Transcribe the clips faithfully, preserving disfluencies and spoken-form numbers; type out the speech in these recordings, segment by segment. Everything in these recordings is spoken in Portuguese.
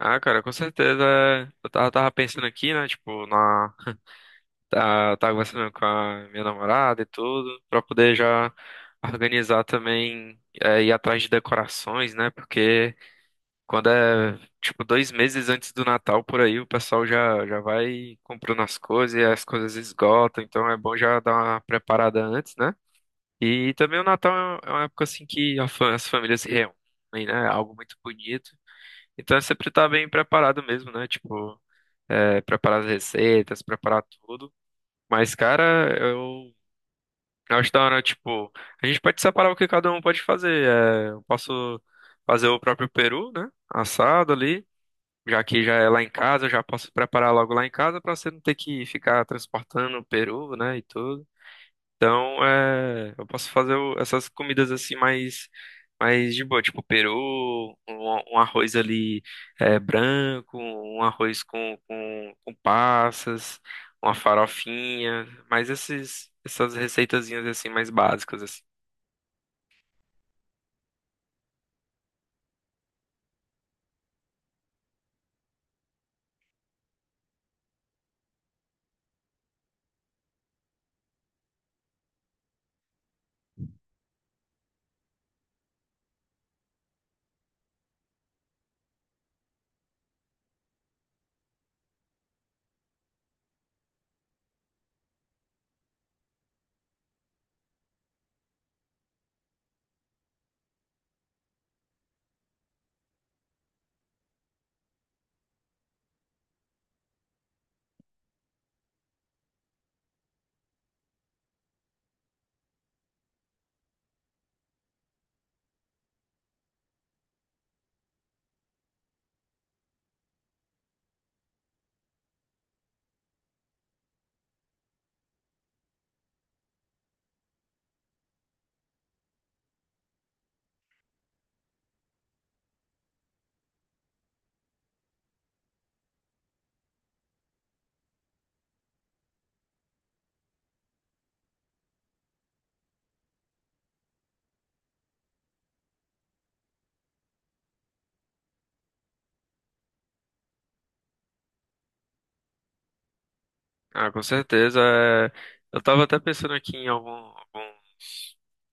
Ah, cara, com certeza. é, Eu tava, tava pensando aqui, né? Tipo, na. tá- Tava conversando com a minha namorada e tudo, pra poder já organizar também, é, ir atrás de decorações, né? Porque quando é, tipo, dois meses antes do Natal por aí, o pessoal já, já vai comprando as coisas e as coisas esgotam, então é bom já dar uma preparada antes, né? E também o Natal é uma é uma época assim que a fa- as famílias se reúnem, né? É Algo muito bonito. Então é sempre tá bem preparado mesmo, né? Tipo é, preparar as receitas, preparar tudo. Mas, cara, eu acho da hora, tipo, a gente pode separar o que cada um pode fazer. É, eu posso fazer o próprio peru, né? Assado ali, já que já é lá em casa, eu já posso preparar logo lá em casa pra você não ter que ficar transportando o peru, né, e tudo. Então, é, eu posso fazer o- essas comidas assim mais, mais de boa, tipo peru, um, um arroz ali é, branco, um arroz com, com, com passas, uma farofinha, mas esses, essas receitazinhas assim mais básicas assim. Ah, com certeza. É, eu tava até pensando aqui em algum, algum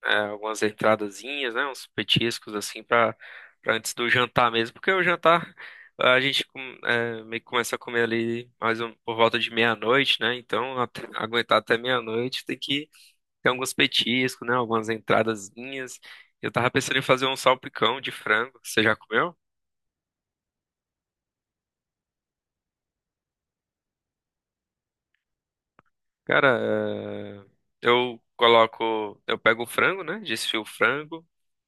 é, algumas entradazinhas, né, uns petiscos assim para para antes do jantar mesmo, porque o jantar a gente com- é, meio que começa a comer ali mais um, por volta de meia-noite, né? Então até- aguentar até meia-noite tem que ter alguns petiscos, né, algumas entradazinhas. Eu tava pensando em fazer um salpicão de frango. Você já comeu? Cara, é, eu coloco, eu pego o frango, né? Desfio o frango.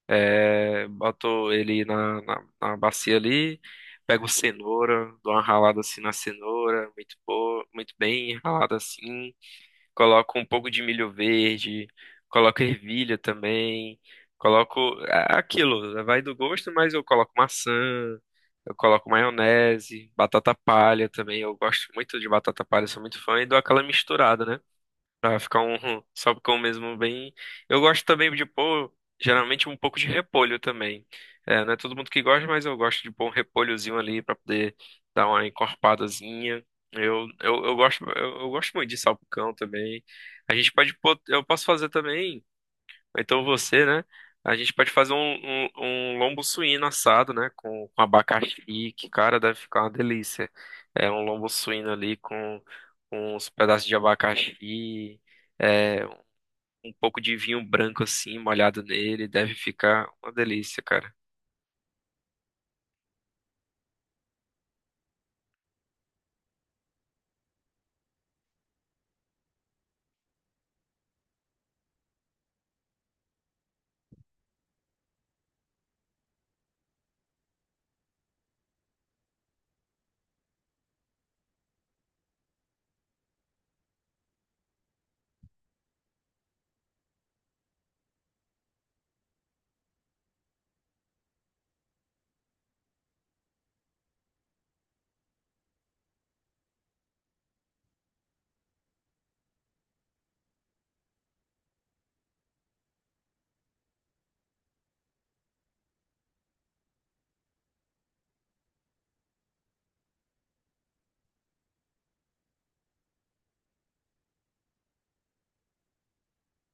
É, boto ele na, na, na bacia ali, pego cenoura, dou uma ralada assim na cenoura, muito boa, muito bem ralada assim. Coloco um pouco de milho verde, coloco ervilha também, coloco é aquilo, vai do gosto, mas eu coloco maçã, eu coloco maionese, batata palha também. Eu gosto muito de batata palha, sou muito fã e dou aquela misturada, né? Pra ficar um salpicão mesmo bem. Eu gosto também de pôr, geralmente, um pouco de repolho também. É, não é todo mundo que gosta, mas eu gosto de pôr um repolhozinho ali pra poder dar uma encorpadazinha. Eu, eu, eu gosto, eu, eu gosto muito de salpicão também. A gente pode pôr, eu posso fazer também. Então você, né? A gente pode fazer um, um, um lombo suíno assado, né? Com, com abacaxi, que, cara, deve ficar uma delícia. É um lombo suíno ali com, com uns pedaços de abacaxi, é, um pouco de vinho branco assim, molhado nele, deve ficar uma delícia, cara.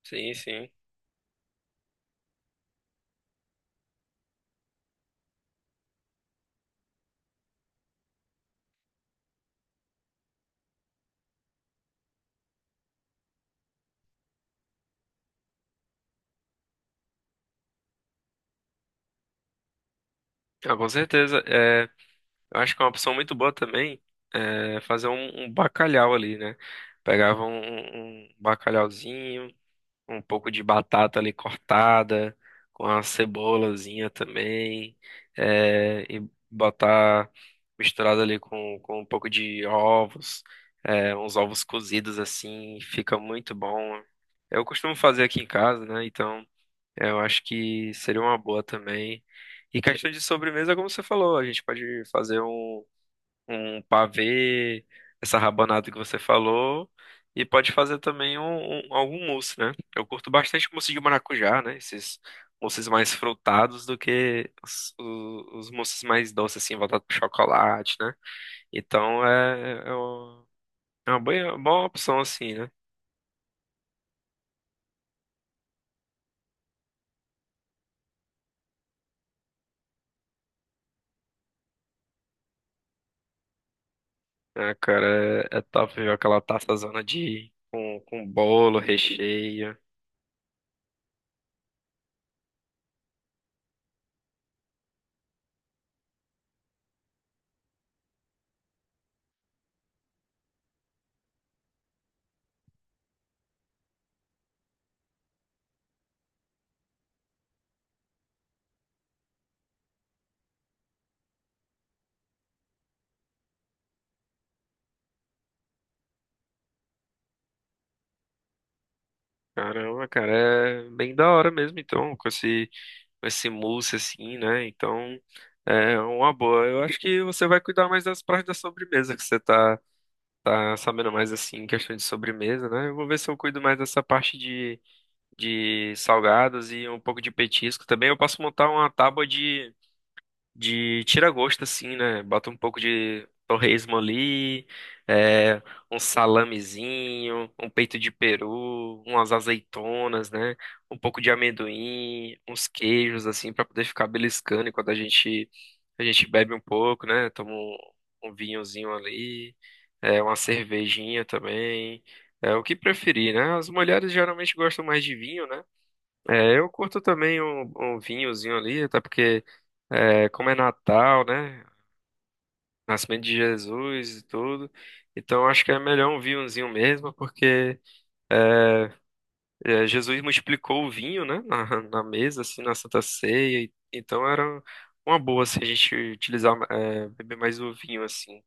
Sim, sim. Ah, com certeza. É, eu acho que é uma opção muito boa também é fazer um, um bacalhau ali, né? Pegava um, um um bacalhauzinho. Um pouco de batata ali cortada, com a cebolazinha também, é, e botar misturado ali com, com um pouco de ovos, é, uns ovos cozidos assim, fica muito bom. Eu costumo fazer aqui em casa, né? Então eu acho que seria uma boa também. E questão de sobremesa, como você falou, a gente pode fazer um um pavê, essa rabanada que você falou, e pode fazer também um, um- algum mousse, né? Eu curto bastante mousse de maracujá, né? Esses mousses mais frutados do que os, o- os mousses mais doces, assim, voltados pro chocolate, né? Então é, é o- É uma boa, boa opção, assim, né? Ah, cara, é, é top ver aquela taçazona de... Com, com bolo, recheio. Caramba, cara, é bem da hora mesmo, então, com esse esse mousse assim, né? Então é uma boa. Eu acho que você vai cuidar mais das partes da sobremesa, que você tá, tá sabendo mais assim, em questão de sobremesa, né? Eu vou ver se eu cuido mais dessa parte de, de salgados e um pouco de petisco também. Eu posso montar uma tábua de de tira gosto assim, né? Bota um pouco de torresmo ali, é, um salamezinho, um peito de peru, umas azeitonas, né? Um pouco de amendoim, uns queijos assim pra poder ficar beliscando enquanto a gente a gente bebe um pouco, né? Toma um, um vinhozinho ali, é, uma cervejinha também. É o que preferir, né? As mulheres geralmente gostam mais de vinho, né? É, eu curto também um, um vinhozinho ali, até porque, é, como é Natal, né? Nascimento de Jesus e tudo. Então acho que é melhor um vinhozinho mesmo, porque é, é, Jesus multiplicou o vinho, né? Na, na mesa, assim, na Santa Ceia. e- Então era uma boa, assim, a gente utilizar, é, beber mais o vinho, assim.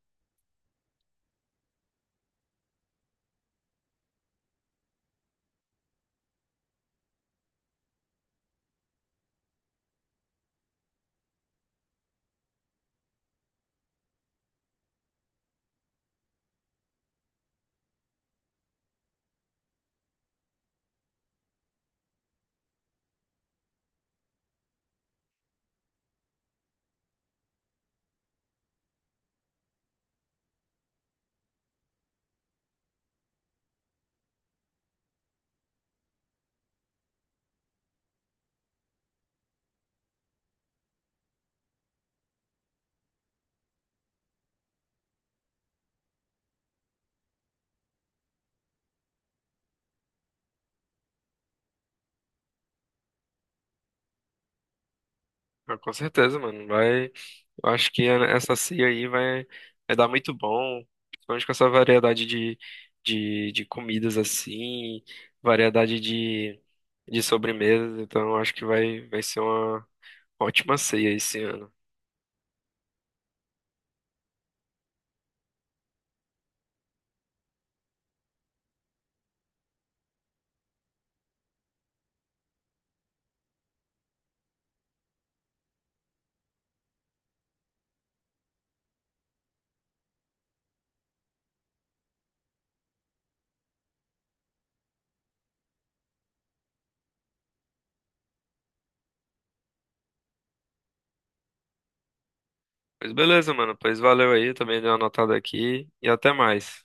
Mas com certeza, mano. Vai. Eu acho que é, essa ceia aí vai, vai dar muito bom, principalmente com essa variedade de, de, de comidas assim, variedade de, de sobremesas, então eu acho que vai, vai ser uma ótima ceia esse ano. Pois beleza, mano, pois valeu aí, também dei uma anotada aqui e até mais.